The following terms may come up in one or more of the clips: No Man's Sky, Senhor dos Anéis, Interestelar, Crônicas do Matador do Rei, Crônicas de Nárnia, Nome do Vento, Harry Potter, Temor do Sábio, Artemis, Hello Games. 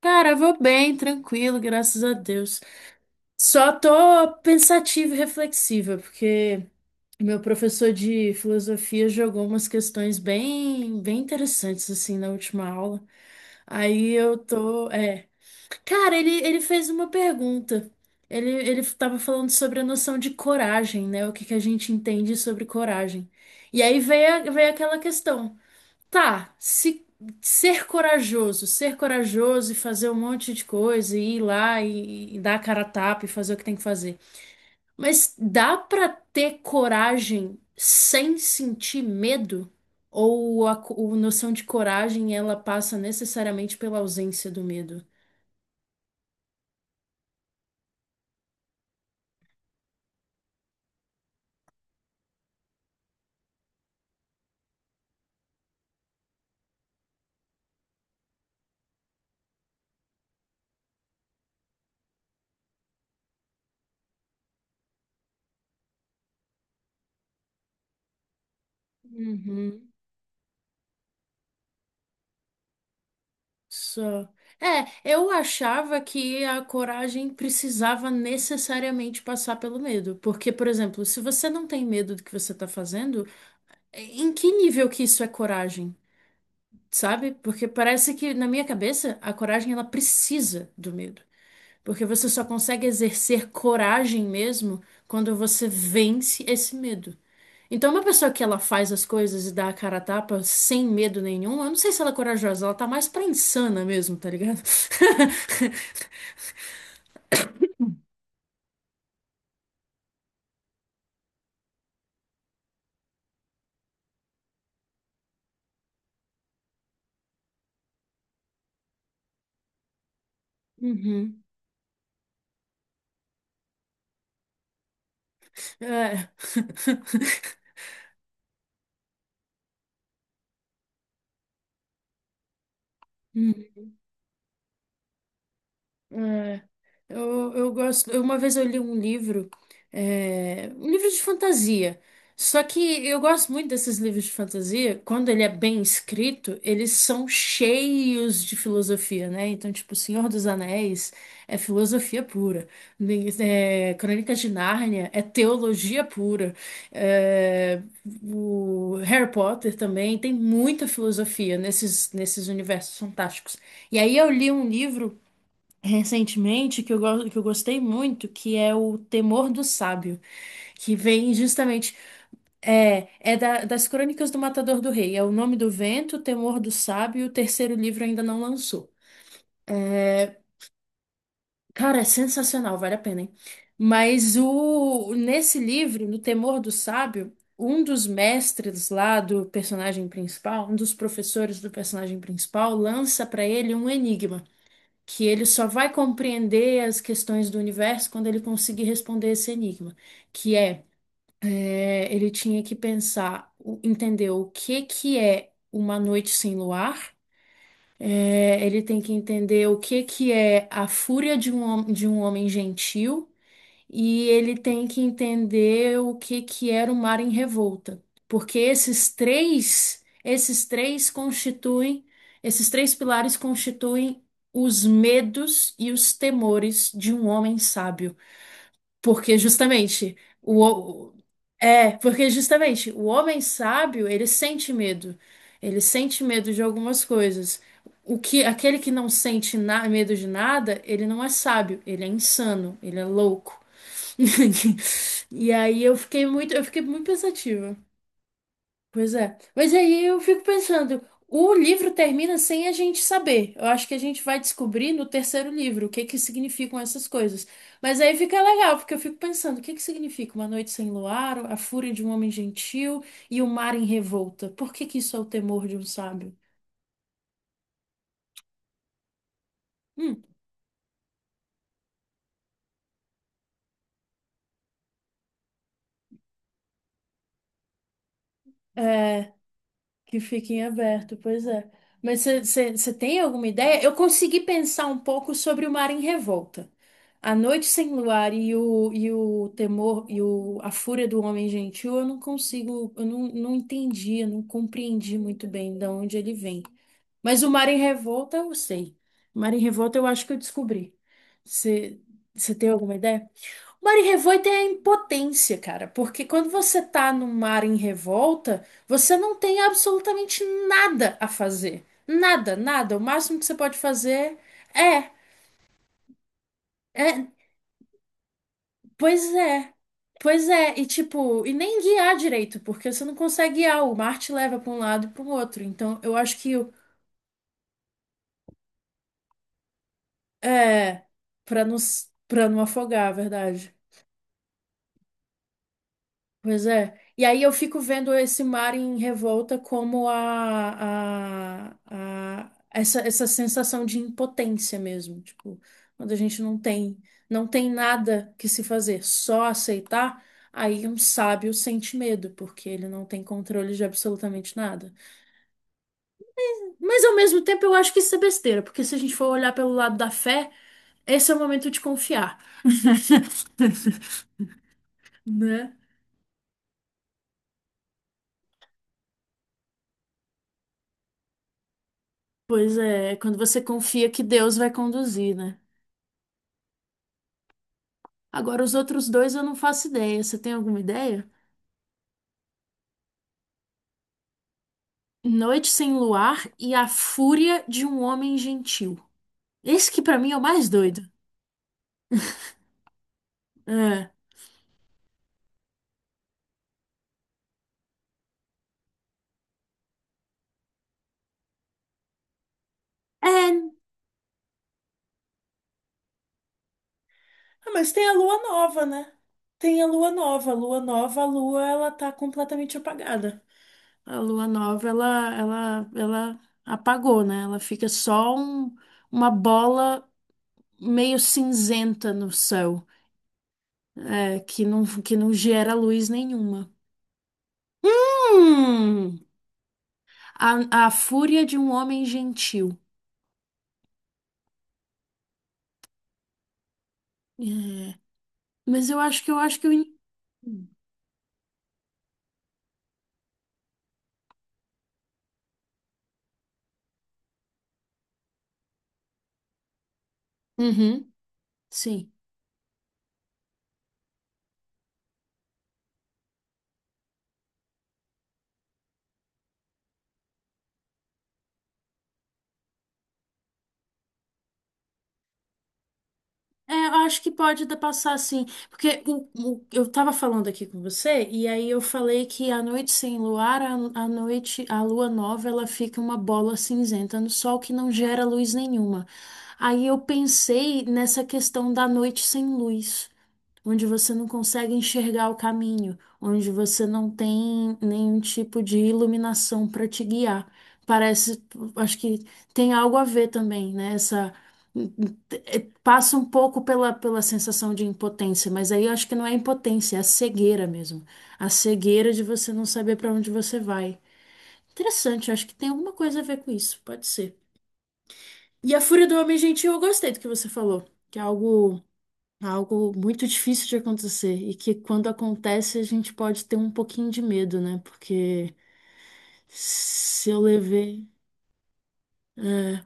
Cara, eu vou bem, tranquilo, graças a Deus. Só tô pensativa e reflexiva, porque meu professor de filosofia jogou umas questões bem interessantes assim na última aula. Aí eu tô, cara, ele fez uma pergunta. Ele tava falando sobre a noção de coragem, né? O que que a gente entende sobre coragem. E aí veio, veio aquela questão. Tá, se ser corajoso, ser corajoso e fazer um monte de coisa e ir lá e dar a cara a tapa e fazer o que tem que fazer. Mas dá pra ter coragem sem sentir medo? Ou a noção de coragem ela passa necessariamente pela ausência do medo? Uhum. Só. É, eu achava que a coragem precisava necessariamente passar pelo medo. Porque, por exemplo, se você não tem medo do que você está fazendo, em que nível que isso é coragem, sabe? Porque parece que, na minha cabeça, a coragem ela precisa do medo. Porque você só consegue exercer coragem mesmo quando você vence esse medo. Então, uma pessoa que ela faz as coisas e dá a cara a tapa sem medo nenhum, eu não sei se ela é corajosa, ela tá mais pra insana mesmo, tá ligado? Uhum. É. Hum. É. Eu gosto. Uma vez eu li um livro, um livro de fantasia. Só que eu gosto muito desses livros de fantasia. Quando ele é bem escrito, eles são cheios de filosofia, né? Então, tipo, Senhor dos Anéis é filosofia pura. É, Crônicas de Nárnia é teologia pura. É, o Harry Potter também tem muita filosofia nesses universos fantásticos. E aí eu li um livro recentemente que que eu gostei muito, que é o Temor do Sábio, que vem justamente das Crônicas do Matador do Rei, é o Nome do Vento, Temor do Sábio, o terceiro livro ainda não lançou. Cara, é sensacional, vale a pena, hein? Mas o nesse livro, no Temor do Sábio, um dos mestres lá do personagem principal, um dos professores do personagem principal, lança para ele um enigma, que ele só vai compreender as questões do universo quando ele conseguir responder esse enigma, que é, é, ele tinha que pensar, entender o que que é uma noite sem luar, é, ele tem que entender o que que é a fúria de de um homem gentil, e ele tem que entender o que que era o mar em revolta, porque esses três constituem, esses três pilares constituem os medos e os temores de um homem sábio, porque justamente o o- porque justamente o homem sábio, ele sente medo. Ele sente medo de algumas coisas. O que aquele que não sente medo de nada, ele não é sábio, ele é insano, ele é louco. E aí eu fiquei muito pensativa. Pois é. Mas aí eu fico pensando, o livro termina sem a gente saber. Eu acho que a gente vai descobrir no terceiro livro o que que significam essas coisas. Mas aí fica legal, porque eu fico pensando, o que que significa uma noite sem luar, a fúria de um homem gentil e o mar em revolta? Por que que isso é o temor de um sábio? Hum, é. Que fique em aberto, pois é. Mas você tem alguma ideia? Eu consegui pensar um pouco sobre o Mar em Revolta. A Noite Sem Luar e o Temor a Fúria do Homem Gentil, eu não consigo, eu não, não entendi, eu não compreendi muito bem de onde ele vem. Mas O Mar em Revolta eu sei. O Mar em Revolta eu acho que eu descobri. Você tem alguma ideia? Mar em revolta é a impotência, cara, porque quando você tá no mar em revolta, você não tem absolutamente nada a fazer. Nada, nada. O máximo que você pode fazer é, é, pois é. Pois é, e tipo, e nem guiar direito, porque você não consegue guiar, o mar te leva pra um lado e para o outro. Então, eu acho que é para pra não afogar, a verdade. Pois é. E aí eu fico vendo esse mar em revolta como essa, essa sensação de impotência mesmo, tipo, quando a gente não tem, não tem nada que se fazer, só aceitar, aí um sábio sente medo, porque ele não tem controle de absolutamente nada. Mas ao mesmo tempo eu acho que isso é besteira, porque se a gente for olhar pelo lado da fé, esse é o momento de confiar. Né? Pois é, é quando você confia que Deus vai conduzir, né? Agora, os outros dois eu não faço ideia. Você tem alguma ideia? Noite Sem Luar e A Fúria de um Homem Gentil. Esse que pra mim é o mais doido. É. É. Ah, mas tem a lua nova, né? Tem a lua nova. A lua nova, a lua, ela tá completamente apagada. A lua nova, ela apagou, né? Ela fica só um- uma bola meio cinzenta no céu, é, que não gera luz nenhuma. Hum! A Fúria de um Homem Gentil. É, mas eu acho que Uhum, sim. É, eu acho que pode dar passar assim, porque eu tava falando aqui com você, e aí eu falei que a noite sem luar, a noite, a lua nova, ela fica uma bola cinzenta no sol que não gera luz nenhuma. Aí eu pensei nessa questão da noite sem luz onde você não consegue enxergar o caminho, onde você não tem nenhum tipo de iluminação para te guiar. Parece, acho que tem algo a ver também, né? Essa passa um pouco pela sensação de impotência, mas aí eu acho que não é impotência, é a cegueira mesmo. A cegueira de você não saber pra onde você vai. Interessante, eu acho que tem alguma coisa a ver com isso, pode ser. E a fúria do homem gentil, eu gostei do que você falou, que é algo, algo muito difícil de acontecer e que quando acontece a gente pode ter um pouquinho de medo, né? Porque se eu levei. É,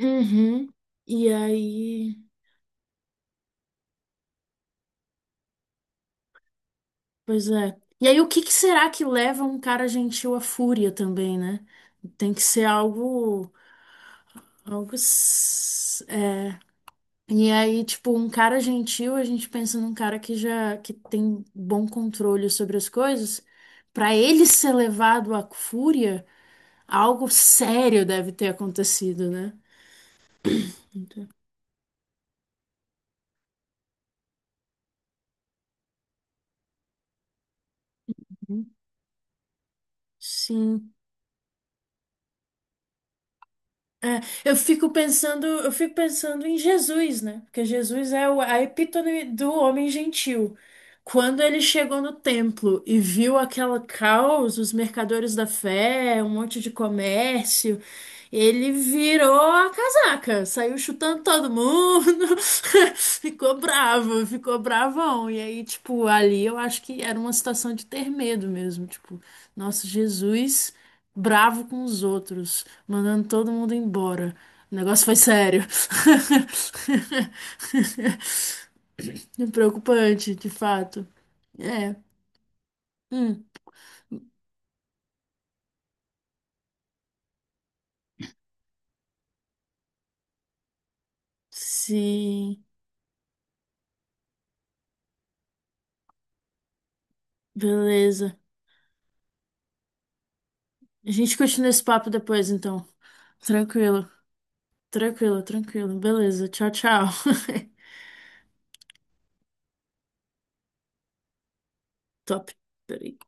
uhum, e aí. Pois é. E aí, o que que será que leva um cara gentil à fúria também, né? Tem que ser algo, é. E aí, tipo, um cara gentil, a gente pensa num cara que já que tem bom controle sobre as coisas. Pra ele ser levado à fúria, algo sério deve ter acontecido, né? Sim. É, eu fico pensando em Jesus, né? Porque Jesus é a epítome do homem gentil. Quando ele chegou no templo e viu aquela caos, os mercadores da fé, um monte de comércio, ele virou a casaca, saiu chutando todo mundo, ficou bravo, ficou bravão. E aí, tipo, ali eu acho que era uma situação de ter medo mesmo, tipo, nosso Jesus bravo com os outros, mandando todo mundo embora. O negócio foi sério. Preocupante, de fato. É. Hum. Sim. Beleza. A gente continua esse papo depois, então. Tranquilo. Tranquilo, tranquilo. Beleza. Tchau, tchau. Top. Peraí.